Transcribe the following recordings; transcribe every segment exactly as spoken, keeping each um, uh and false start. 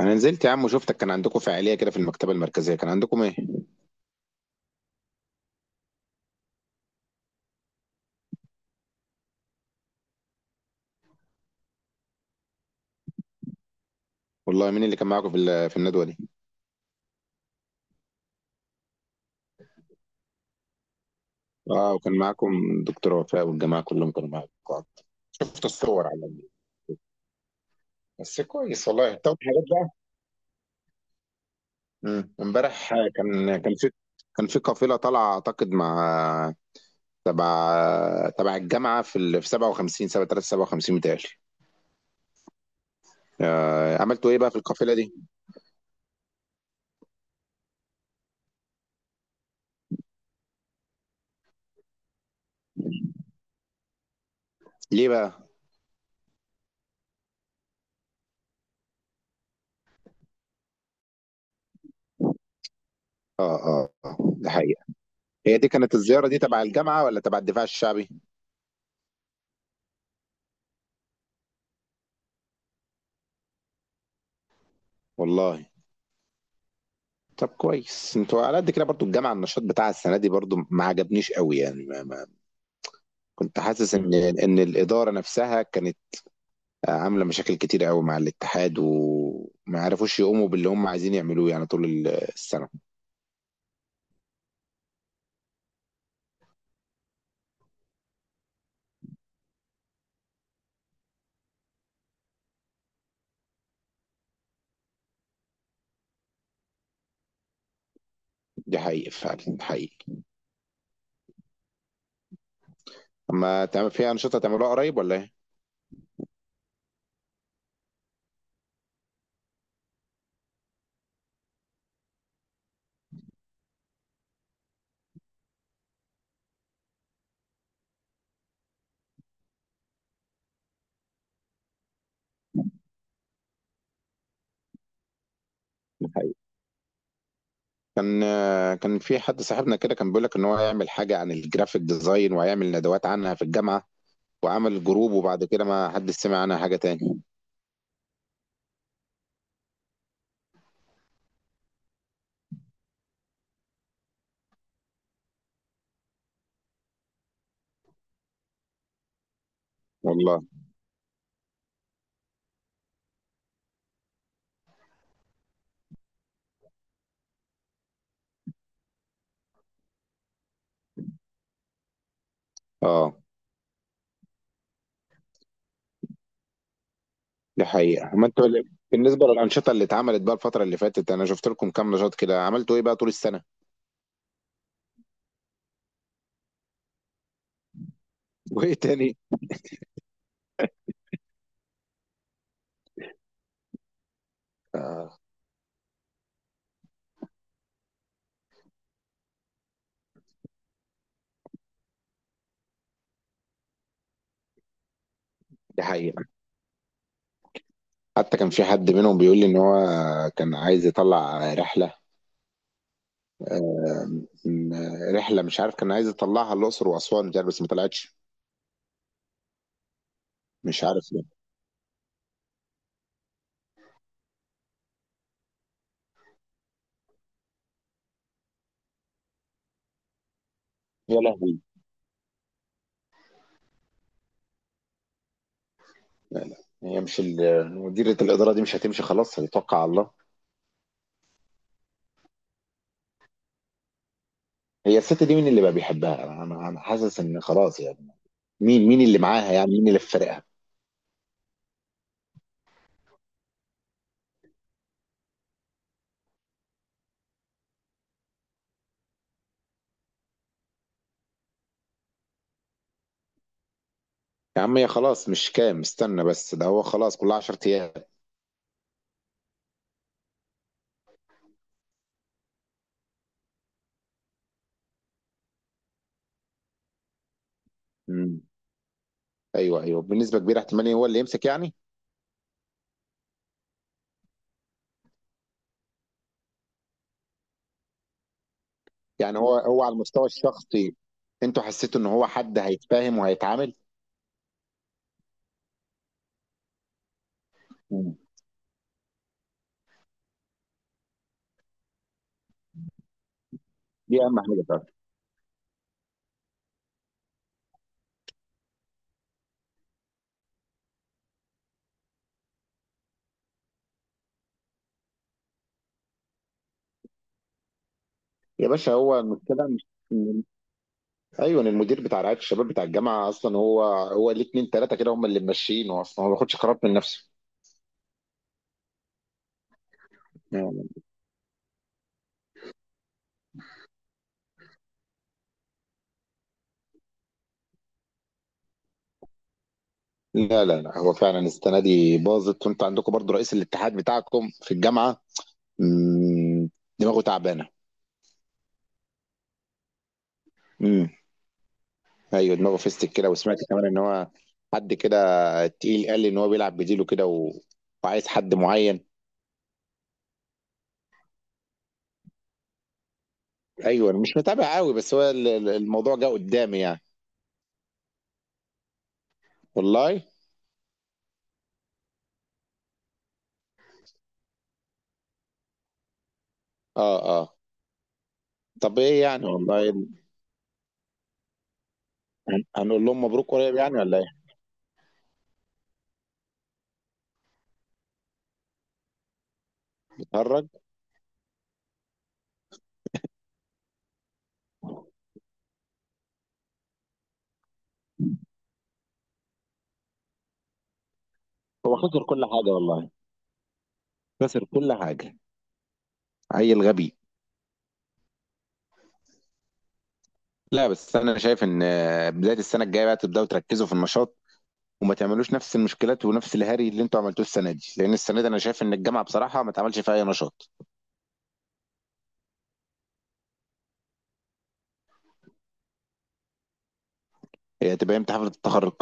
انا نزلت يا عم، وشفتك كان عندكم فعاليه كده في المكتبه المركزيه. كان عندكم ايه؟ والله مين اللي كان معاكم في ال- في الندوه دي؟ اه، وكان معاكم دكتور وفاء والجماعه كلهم كانوا معاكم. شفت الصور على النت. بس كويس والله. طب حاجات بقى. مم. امبارح كان كان في كان في قافله طالعه اعتقد مع تبع تبع الجامعه في ال... في سبعه وخمسين سبعة سبعه وخمسين متهيألي. آه، عملتوا ايه بقى في القافله دي؟ ليه بقى؟ اه اه آه، ده حقيقه. هي دي كانت الزياره دي تبع الجامعه ولا تبع الدفاع الشعبي؟ والله. طب كويس، انتوا على قد كده برضو. الجامعه النشاط بتاعها السنه دي برضو ما عجبنيش قوي يعني، ما ما كنت حاسس ان ان الاداره نفسها كانت عامله مشاكل كتير قوي مع الاتحاد، وما عرفوش يقوموا باللي هم عايزين يعملوه يعني طول السنه. دي حقيقي فعلا، حقيقي. اما تعمل في انشطه تعملوها قريب ولا ايه؟ دي حقيقة. كان كان في حد صاحبنا كده كان بيقول لك ان هو هيعمل حاجه عن الجرافيك ديزاين، وهيعمل ندوات عنها في الجامعه، وعمل جروب، وبعد كده ما حد سمع عنها حاجه تاني. والله. اه، دي حقيقة. ما انتوا ال- بالنسبة للأنشطة اللي اتعملت بقى الفترة اللي فاتت، أنا شفت لكم كام نشاط كده. عملتوا إيه بقى طول السنة؟ وإيه تاني؟ دي حقيقة. حتى كان في حد منهم بيقول لي إن هو كان عايز يطلع رحلة، م- رحلة، مش عارف، كان عايز يطلعها الأقصر وأسوان، مش عارف، بس ما طلعتش. مش عارف ليه. يا لهوي. هي مش ال- مديرة الإدارة دي مش هتمشي؟ خلاص، هيتوقع على الله. هي الست دي مين اللي بقى بيحبها؟ أنا أنا أنا حاسس إن خلاص يعني. مين مين اللي معاها يعني؟ مين اللي في فريقها؟ يا عم، هي خلاص مش كام؟ استنى بس، ده هو خلاص كلها 10 أيام. امم. ايوه، ايوه، بنسبه كبيره احتمال هو اللي يمسك يعني. يعني هو هو على المستوى الشخصي، انتوا حسيتوا ان هو حد هيتفاهم وهيتعامل؟ مم. دي اهم حاجه فعلا. يا باشا، هو المشكله مش إن- ايوه، إن المدير بتاع رعايه الشباب بتاع الجامعه اصلا، هو هو ليه اتنين تلاته كده هم اللي ماشيينه، اصلا هو ما بياخدش قرارات من نفسه. مم. لا، لا، لا، هو فعلا السنه دي باظت. وانتوا عندكم برضو رئيس الاتحاد بتاعكم في الجامعه مم، دماغه تعبانه. ايوه، دماغه فيستك كده. وسمعت كمان ان هو حد كده تقيل، قال لي ان هو بيلعب بديله كده و... وعايز حد معين. ايوه، انا مش متابع قوي، بس هو ال- ال- الموضوع جه قدامي يعني. والله. اه اه طب ايه يعني؟ والله هن- هنقول لهم مبروك قريب يعني ولا ايه؟ اتهرج. هو خسر كل حاجه والله. خسر كل حاجه. عيل غبي. لا، بس انا شايف ان آه، بدايه السنه الجايه بقى تبداوا تركزوا في النشاط، وما تعملوش نفس المشكلات ونفس الهري اللي انتوا عملتوه السنه دي، لان السنه دي انا شايف ان الجامعه بصراحه ما اتعملش فيها اي نشاط. هي هتبقى امتى حفلة التخرج؟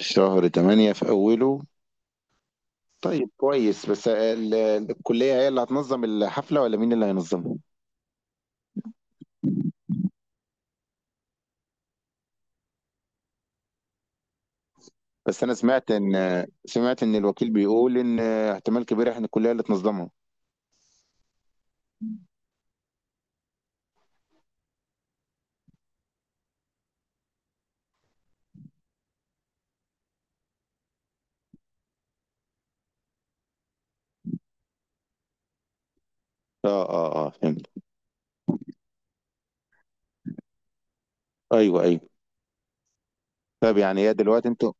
شهر ثمانية في أوله. طيب كويس. بس ال- الكلية هي اللي هتنظم الحفلة ولا مين اللي هينظمها؟ بس أنا سمعت إن سمعت إن الوكيل بيقول إن احتمال كبير إحنا الكلية اللي تنظمها. آه آه آه فهمت. أيوه، أيوه. طيب يعني هي دلوقتي أنتوا.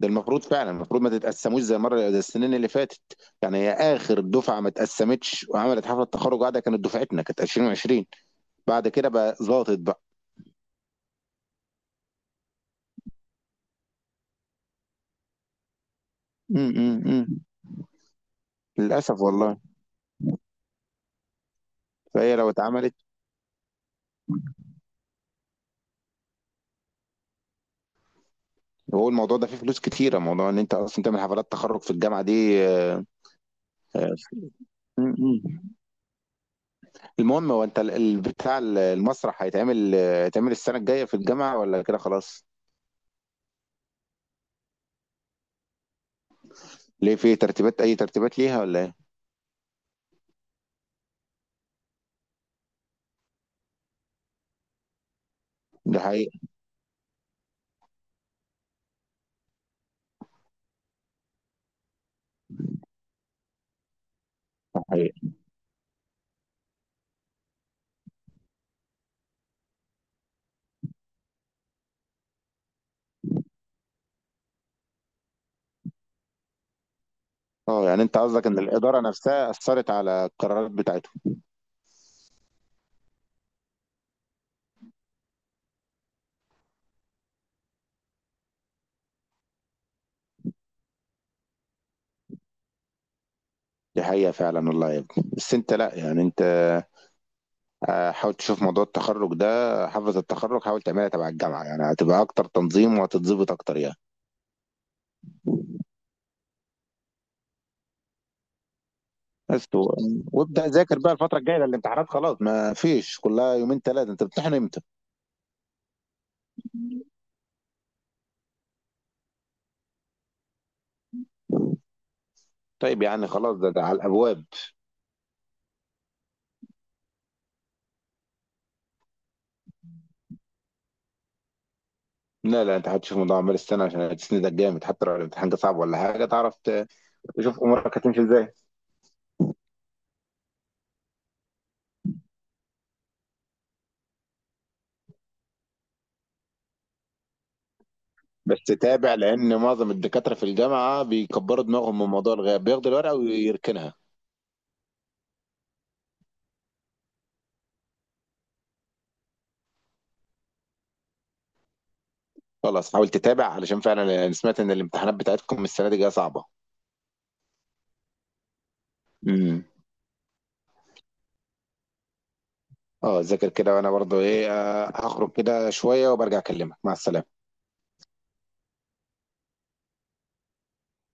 ده المفروض فعلا، المفروض ما تتقسموش زي مرة، زي السنين اللي فاتت. يعني هي آخر دفعة ما اتقسمتش وعملت حفلة تخرج قاعدة كانت دفعتنا، كانت ألفين وعشرين. بعد كده بقى ظابط بقى. م -م -م. للأسف والله. فهي لو اتعملت، هو الموضوع ده فيه فلوس كتيرة. موضوع ان انت اصلا تعمل حفلات تخرج في الجامعة دي. آه، آه، م- م. المهم هو انت ال- ال- بتاع ال- المسرح هيتعمل، آه، هيتعمل السنة الجاية في الجامعة ولا كده خلاص؟ ليه؟ في ترتيبات؟ اي ترتيبات ليها ولا ايه؟ دي حقيقة. دي حقيقة. اه، يعني انت قصدك ان الإدارة نفسها أثرت على القرارات بتاعتهم؟ دي حقيقة فعلا والله يا ابني. بس انت، لا يعني انت، آه، حاول تشوف موضوع التخرج ده، حفلة التخرج حاول تعملها تبع الجامعة، يعني هتبقى اكتر تنظيم وهتتظبط اكتر يعني. بس و- وابدأ ذاكر بقى الفترة الجاية. ده الامتحانات خلاص ما فيش، كلها يومين ثلاثة. انت بتمتحن امتى؟ طيب يعني خلاص، ده, ده على الابواب. لا، لا، انت هتشوف الموضوع عمال السنة عشان هتسندك جامد حتى لو الامتحان كان صعب ولا حاجة. تعرف ت- تشوف امورك هتمشي ازاي. بس تابع، لان معظم الدكاترة في الجامعة بيكبروا دماغهم من موضوع الغياب، بياخدوا الورقة ويركنها. خلاص حاول تتابع، علشان فعلا انا سمعت ان الامتحانات بتاعتكم السنة دي جاية صعبة. امم. اه، ذاكر كده. وانا برضو ايه، آه، هخرج كده شوية وبرجع اكلمك. مع السلامة.